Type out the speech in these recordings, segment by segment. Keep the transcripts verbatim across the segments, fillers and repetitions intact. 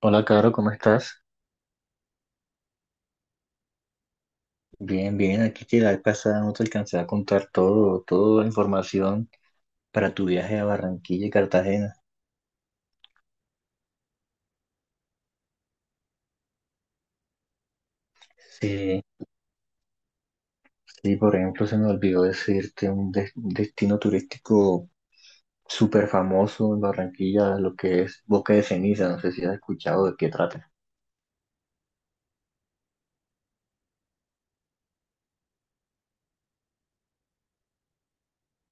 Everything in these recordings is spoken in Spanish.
Hola, Caro, ¿cómo estás? Bien, bien, aquí que la vez pasada no te alcancé a contar todo, toda la información para tu viaje a Barranquilla y Cartagena. Sí, sí, por ejemplo, se me olvidó decirte un des- destino turístico súper famoso en Barranquilla, lo que es Boca de Ceniza. No sé si has escuchado de qué trata.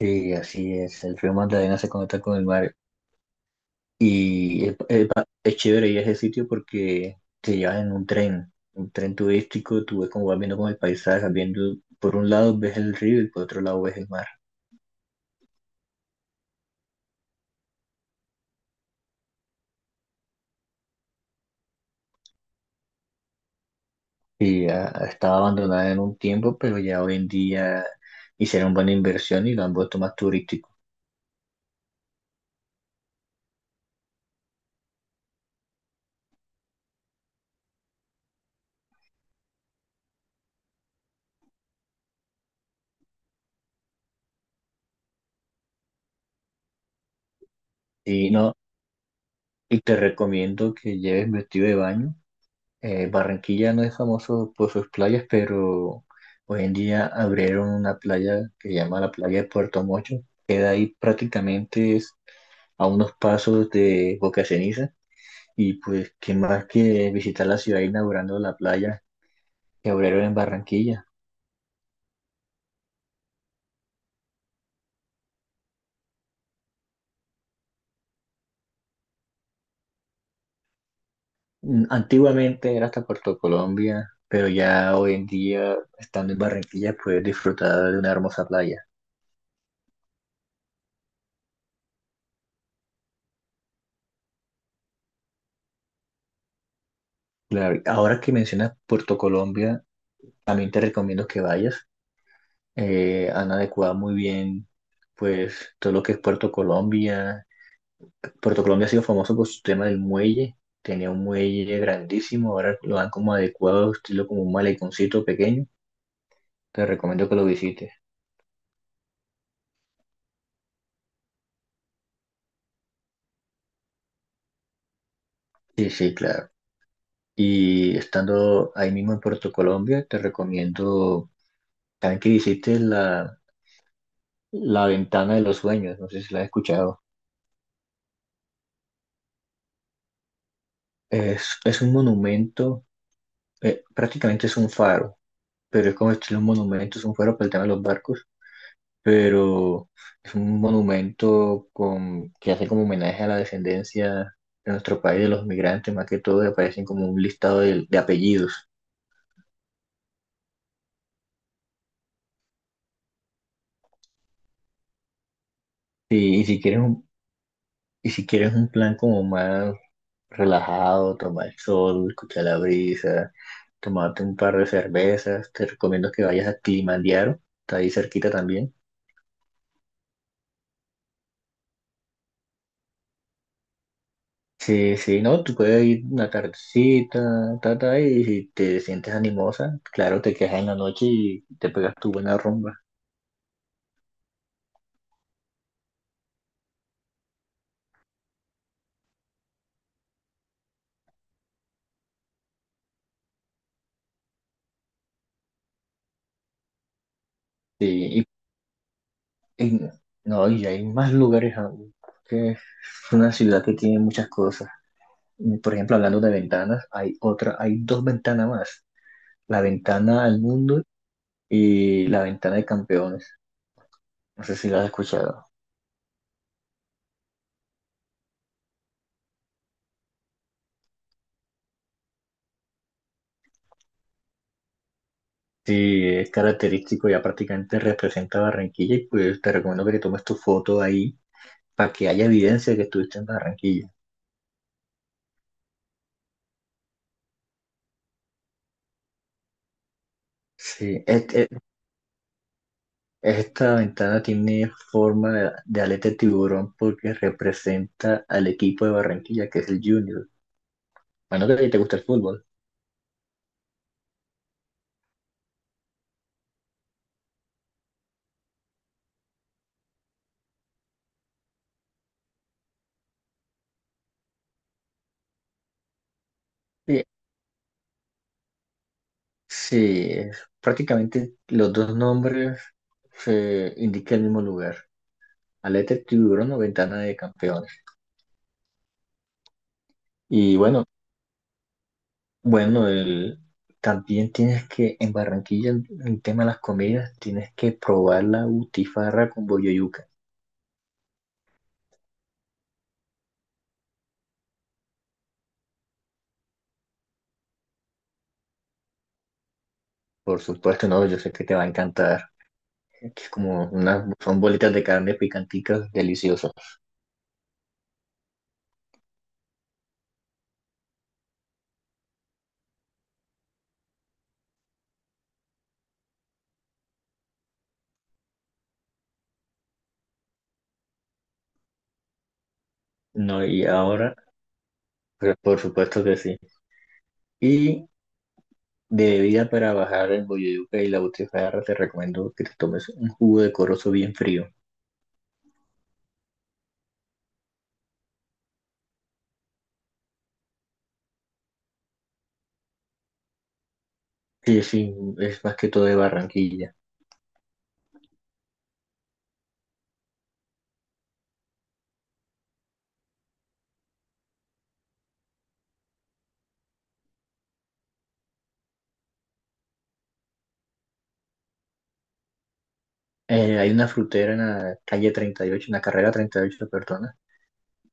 Sí, así es, el río Magdalena se conecta con el mar. Y es, es pa- es chévere ir a ese sitio porque te llevan en un tren, un tren turístico. Tú ves como vas viendo como el paisaje, vas viendo, por un lado ves el río y por otro lado ves el mar. Y ya estaba abandonada en un tiempo, pero ya hoy en día hicieron buena inversión y lo han vuelto más turístico. Y no, y te recomiendo que lleves vestido de baño. Eh, Barranquilla no es famoso por sus playas, pero hoy en día abrieron una playa que se llama la playa de Puerto Mocho. Queda ahí, prácticamente es a unos pasos de Boca Ceniza. Y pues, ¿qué más que visitar la ciudad inaugurando la playa que abrieron en Barranquilla? Mm, antiguamente era hasta Puerto Colombia, pero ya hoy en día, estando en Barranquilla, puedes disfrutar de una hermosa playa. Claro, ahora que mencionas Puerto Colombia, también te recomiendo que vayas. Eh, han adecuado muy bien pues todo lo que es Puerto Colombia. Puerto Colombia ha sido famoso por su tema del muelle, tenía un muelle grandísimo, ahora lo han como adecuado, estilo como un maleconcito pequeño. Te recomiendo que lo visites. Sí, sí, claro. Y estando ahí mismo en Puerto Colombia, te recomiendo también que visites la, la Ventana de los Sueños. No sé si la has escuchado. Es, es un monumento, eh, prácticamente es un faro, pero es como estilo un monumento, es un faro para el tema de los barcos, pero es un monumento con, que hace como homenaje a la descendencia de nuestro país, de los migrantes, más que todo, y aparecen como un listado de, de apellidos. Sí, y si quieres un, y si quieres un plan como más relajado, tomar el sol, escuchar la brisa, tomarte un par de cervezas, te recomiendo que vayas a Kilimanjaro, está ahí cerquita también. Sí, sí, no, tú puedes ir una tardecita, ta, ta, y si te sientes animosa, claro, te quedas en la noche y te pegas tu buena rumba. Sí, y, y- no, y hay más lugares aún, que es una ciudad que tiene muchas cosas. Y, por ejemplo, hablando de ventanas, hay otra, hay dos ventanas más. La ventana al mundo y la ventana de campeones. No sé si la has escuchado. Sí, es característico, ya prácticamente representa Barranquilla, y pues te recomiendo que te tomes tu foto ahí para que haya evidencia de que estuviste en Barranquilla. Sí, es, Esta ventana tiene forma de, de aleta de tiburón porque representa al equipo de Barranquilla, que es el Junior. Bueno, que a ti te gusta el fútbol. Sí, sí, es- prácticamente los dos nombres se indican el mismo lugar. Aleta de tiburón o ventana de campeones. Y bueno, bueno, el, también tienes que, en Barranquilla, en el tema de las comidas, tienes que probar la butifarra con boyoyuca. Por supuesto, no, yo sé que te va a encantar. Que es como unas, son bolitas de carne picanticas deliciosas. No, y ahora, pues, por supuesto que sí. Y de bebida para bajar el boyuca y la butifarra, te recomiendo que te tomes un jugo de corozo bien frío. Sí, sí, es más que todo de Barranquilla. Eh, hay una frutera en la calle treinta y ocho, en la carrera treinta y ocho, perdona,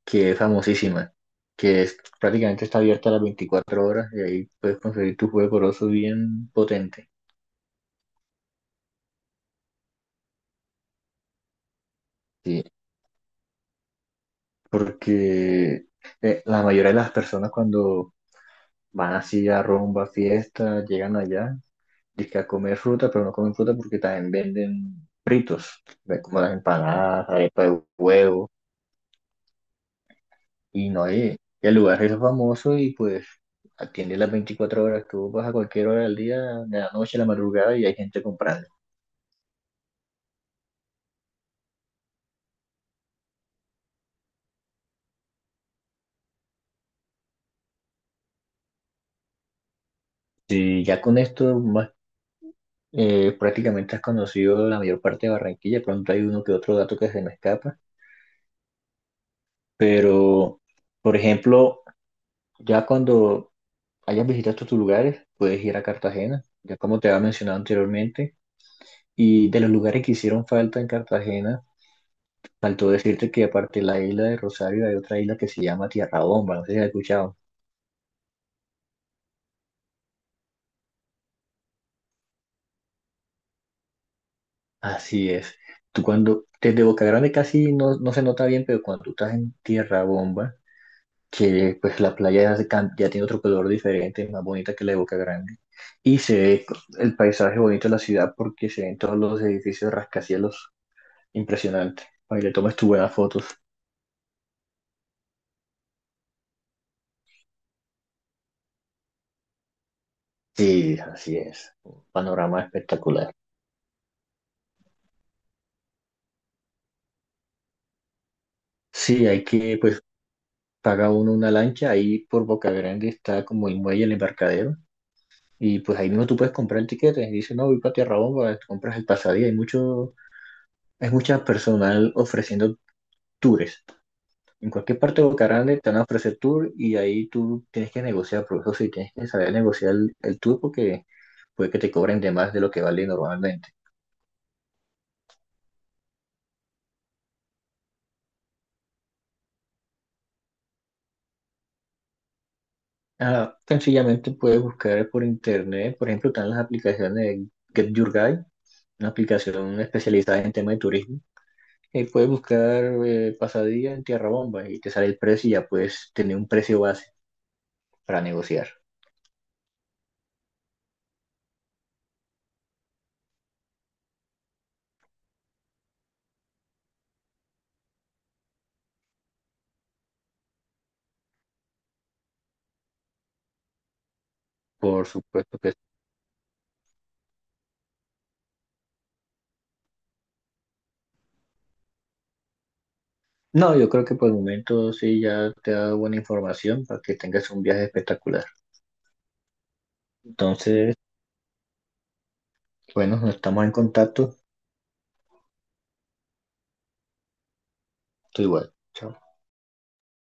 que es famosísima, que es, prácticamente está abierta las veinticuatro horas y ahí puedes conseguir tu jugo de corozo bien potente. Sí, porque eh, la mayoría de las personas cuando van así a rumba, fiesta, llegan allá, dizque a comer fruta, pero no comen fruta porque también venden fritos, ve- como las empanadas, arepa de huevo, y no hay, y el lugar es famoso y pues atiende las veinticuatro horas, tú vas a cualquier hora del día, de la noche, de la madrugada y hay gente comprando. Y ya con esto más, eh, prácticamente has conocido la mayor parte de Barranquilla, de pronto hay uno que otro dato que se me escapa. Pero, por ejemplo, ya cuando hayas visitado estos lugares, puedes ir a Cartagena, ya como te había mencionado anteriormente. Y de los lugares que hicieron falta en Cartagena, faltó decirte que aparte de la isla de Rosario hay otra isla que se llama Tierra Bomba. No sé si la has escuchado. Así es. Tú cuando, desde Boca Grande casi no, no se nota bien, pero cuando tú estás en Tierra Bomba, que pues la playa ya, se cam- ya tiene otro color diferente, más bonita que la de Boca Grande. Y se ve el paisaje bonito de la ciudad porque se ven todos los edificios rascacielos impresionantes. Para que le tomes tus buenas fotos. Sí, así es. Un panorama espectacular. Sí, hay que, pues, paga uno una lancha. Ahí por Boca Grande está como el muelle, el embarcadero. Y pues ahí mismo tú puedes comprar el tiquete. Y dice, no, voy para Tierra Bomba, te compras el pasadía. Hay mucho, hay mucha personal ofreciendo tours. En cualquier parte de Bucaranda te van a ofrecer tour y ahí tú tienes que negociar, por eso sí tienes que saber negociar el, el tour porque puede que te cobren de más de lo que vale normalmente. Ah, sencillamente puedes buscar por internet, por ejemplo, están las aplicaciones de Get Your Guide, una aplicación especializada en tema de turismo. Y puedes buscar eh, pasadilla en Tierra Bomba y te sale el precio y ya puedes tener un precio base para negociar. Por supuesto que sí. No, yo creo que por el momento sí ya te da buena información para que tengas un viaje espectacular. Entonces, bueno, estamos en contacto. Estoy igual. Chao.